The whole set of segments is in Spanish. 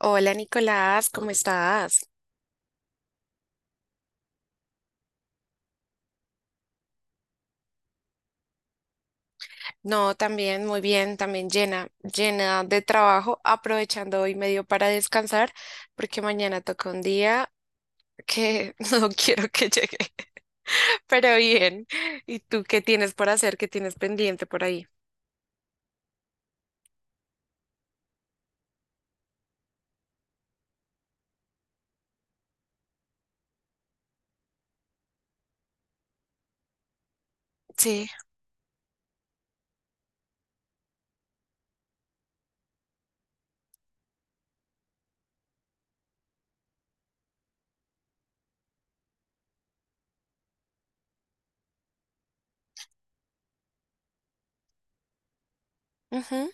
Hola Nicolás, ¿cómo estás? No, también muy bien, también llena, llena de trabajo, aprovechando hoy medio para descansar, porque mañana toca un día que no quiero que llegue, pero bien. ¿Y tú qué tienes por hacer? ¿Qué tienes pendiente por ahí? Sí. Ujú.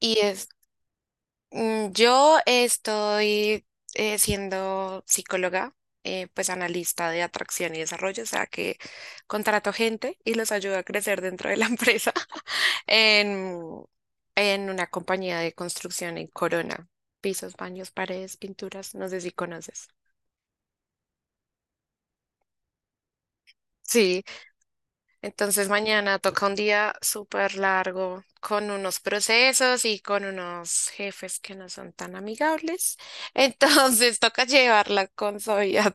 Y es Yo estoy siendo psicóloga, pues analista de atracción y desarrollo, o sea que contrato gente y los ayudo a crecer dentro de la empresa en, en una compañía de construcción en Corona. Pisos, baños, paredes, pinturas, no sé si conoces. Sí. Entonces mañana toca un día súper largo con unos procesos y con unos jefes que no son tan amigables. Entonces toca llevarla con suavidad.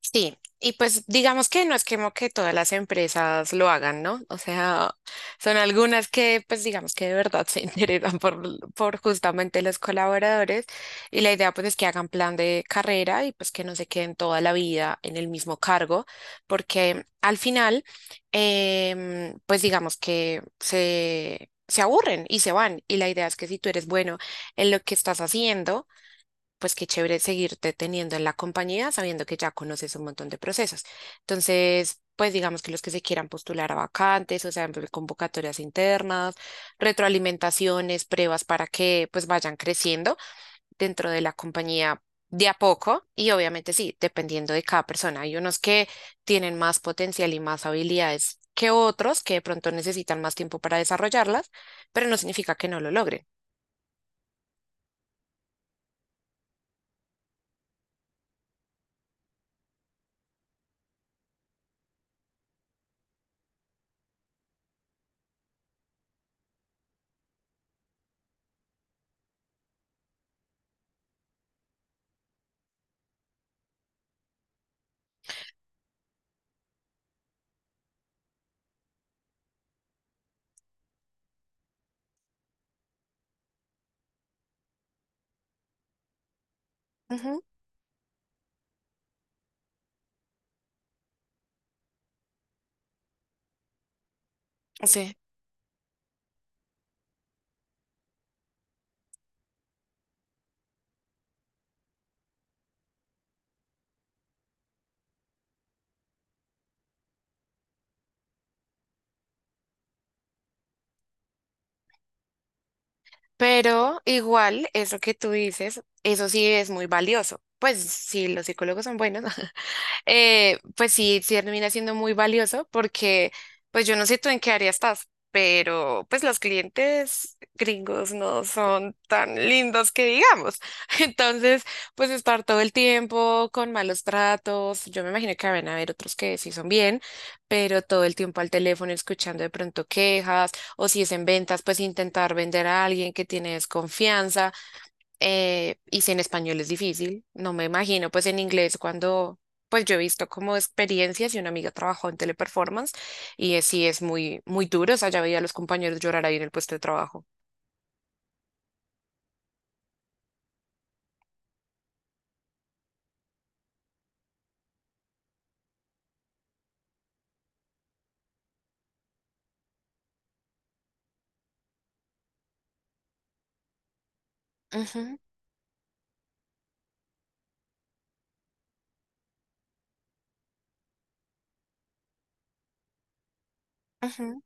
Sí, y pues digamos que no es como que todas las empresas lo hagan, ¿no? O sea, son algunas que pues digamos que de verdad se interesan por justamente los colaboradores y la idea pues es que hagan plan de carrera y pues que no se queden toda la vida en el mismo cargo, porque al final pues digamos que se aburren y se van. Y la idea es que si tú eres bueno en lo que estás haciendo, pues qué chévere seguirte teniendo en la compañía sabiendo que ya conoces un montón de procesos. Entonces, pues digamos que los que se quieran postular a vacantes, o sea, en convocatorias internas, retroalimentaciones, pruebas para que pues vayan creciendo dentro de la compañía de a poco y obviamente sí, dependiendo de cada persona. Hay unos que tienen más potencial y más habilidades que otros que de pronto necesitan más tiempo para desarrollarlas, pero no significa que no lo logren. Ujú. Sí. Pero igual, eso que tú dices, eso sí es muy valioso. Pues si los psicólogos son buenos, pues sí, sí termina siendo muy valioso porque, pues yo no sé tú en qué área estás, pero pues los clientes gringos no son tan lindos que digamos. Entonces, pues estar todo el tiempo con malos tratos, yo me imagino que van a haber otros que sí son bien, pero todo el tiempo al teléfono escuchando de pronto quejas o si es en ventas, pues intentar vender a alguien que tiene desconfianza y si en español es difícil, no me imagino, pues en inglés cuando, pues yo he visto como experiencias y una amiga trabajó en teleperformance y sí es muy, muy duro, o sea, ya veía a los compañeros llorar ahí en el puesto de trabajo. Ujú, ujú,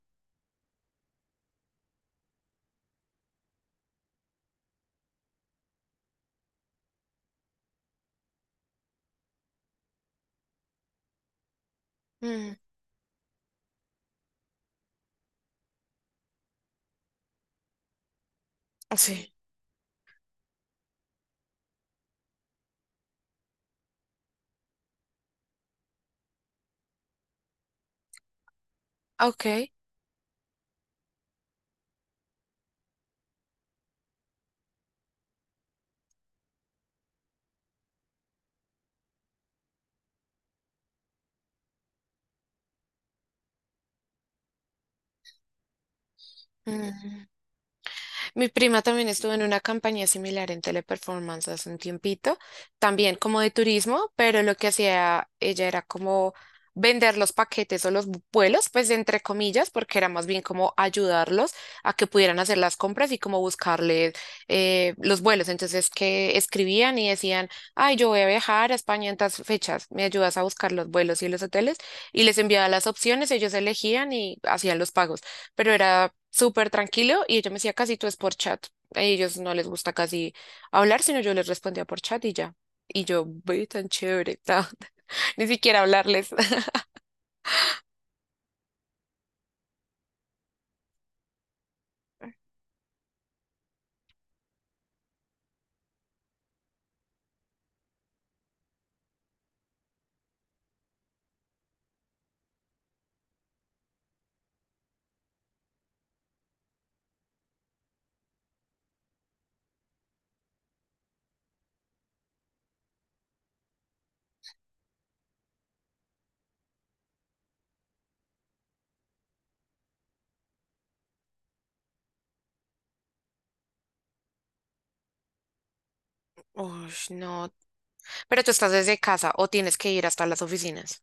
mm, sí, ok. Mi prima también estuvo en una campaña similar en Teleperformance hace un tiempito, también como de turismo, pero lo que hacía ella era como vender los paquetes o los vuelos, pues entre comillas, porque era más bien como ayudarlos a que pudieran hacer las compras y como buscarles los vuelos. Entonces que escribían y decían, ay, yo voy a viajar a España en tas fechas, me ayudas a buscar los vuelos y los hoteles, y les enviaba las opciones, ellos elegían y hacían los pagos pero era súper tranquilo y ella me decía, casi tú es por chat. A ellos no les gusta casi hablar, sino yo les respondía por chat y ya. Y yo, ve tan chévere, ta". Ni siquiera hablarles. Uy, no. Pero tú estás desde casa o tienes que ir hasta las oficinas.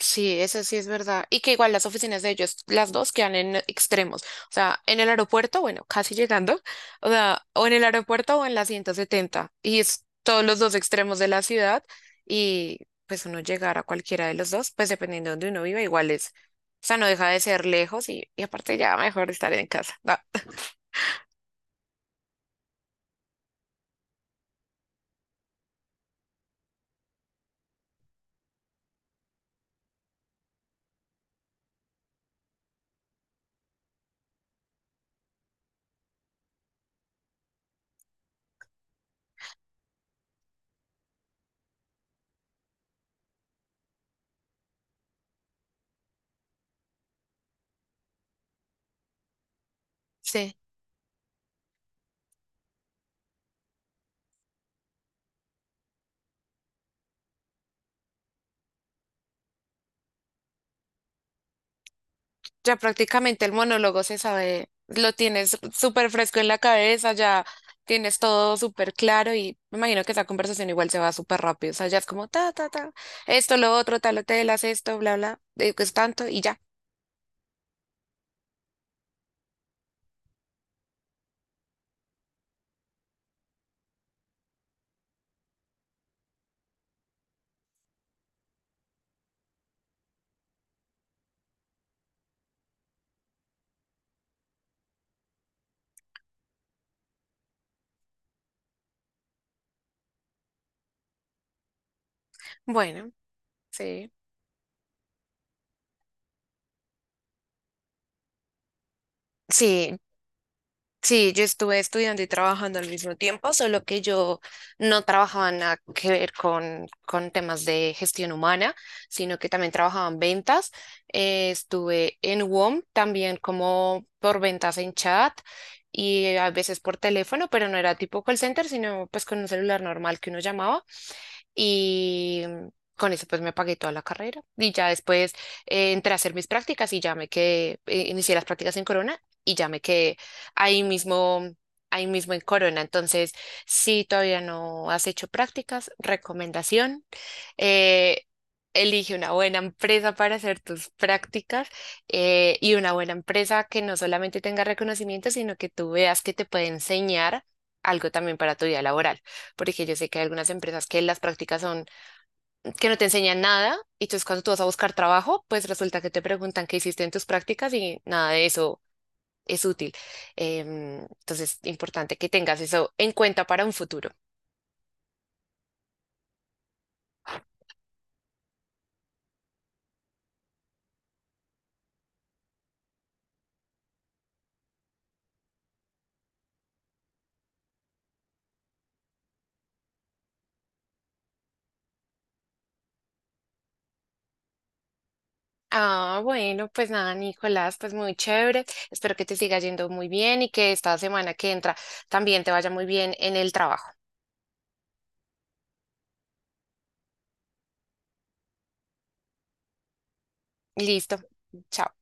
Sí, eso sí es verdad. Y que igual las oficinas de ellos, las dos quedan en extremos. O sea, en el aeropuerto, bueno, casi llegando, o sea, o en el aeropuerto o en la 170. Y es todos los dos extremos de la ciudad. Y pues uno llegar a cualquiera de los dos, pues dependiendo de donde uno viva, igual es. O sea, no deja de ser lejos y aparte ya mejor estar en casa. No, sí. Ya prácticamente el monólogo se sabe, lo tienes súper fresco en la cabeza, ya tienes todo súper claro y me imagino que esa conversación igual se va súper rápido. O sea, ya es como ta, ta, ta, esto, lo otro, tal hotel, haz esto, bla, bla, que es tanto y ya. Bueno, sí. Sí, Sí, yo estuve estudiando y trabajando al mismo tiempo, solo que yo no trabajaba nada que ver con temas de gestión humana, sino que también trabajaba en ventas. Estuve en WOM también como por ventas en chat y a veces por teléfono, pero no era tipo call center, sino pues con un celular normal que uno llamaba. Y mm, con eso pues me pagué toda la carrera. Y ya después entré a hacer mis prácticas y ya me quedé, inicié las prácticas en Corona y ya me quedé ahí mismo, ahí mismo en Corona. Entonces, si todavía no has hecho prácticas, recomendación, eh, elige una buena empresa para hacer tus prácticas y una buena empresa que no solamente tenga reconocimiento, sino que tú veas que te puede enseñar algo también para tu vida laboral, porque yo sé que hay algunas empresas que las prácticas son que no te enseñan nada y entonces cuando tú vas a buscar trabajo, pues resulta que te preguntan qué hiciste en tus prácticas y nada de eso es útil. Entonces, importante que tengas eso en cuenta para un futuro. Ah, bueno, pues nada, Nicolás, pues muy chévere. Espero que te siga yendo muy bien y que esta semana que entra también te vaya muy bien en el trabajo. Listo. Chao.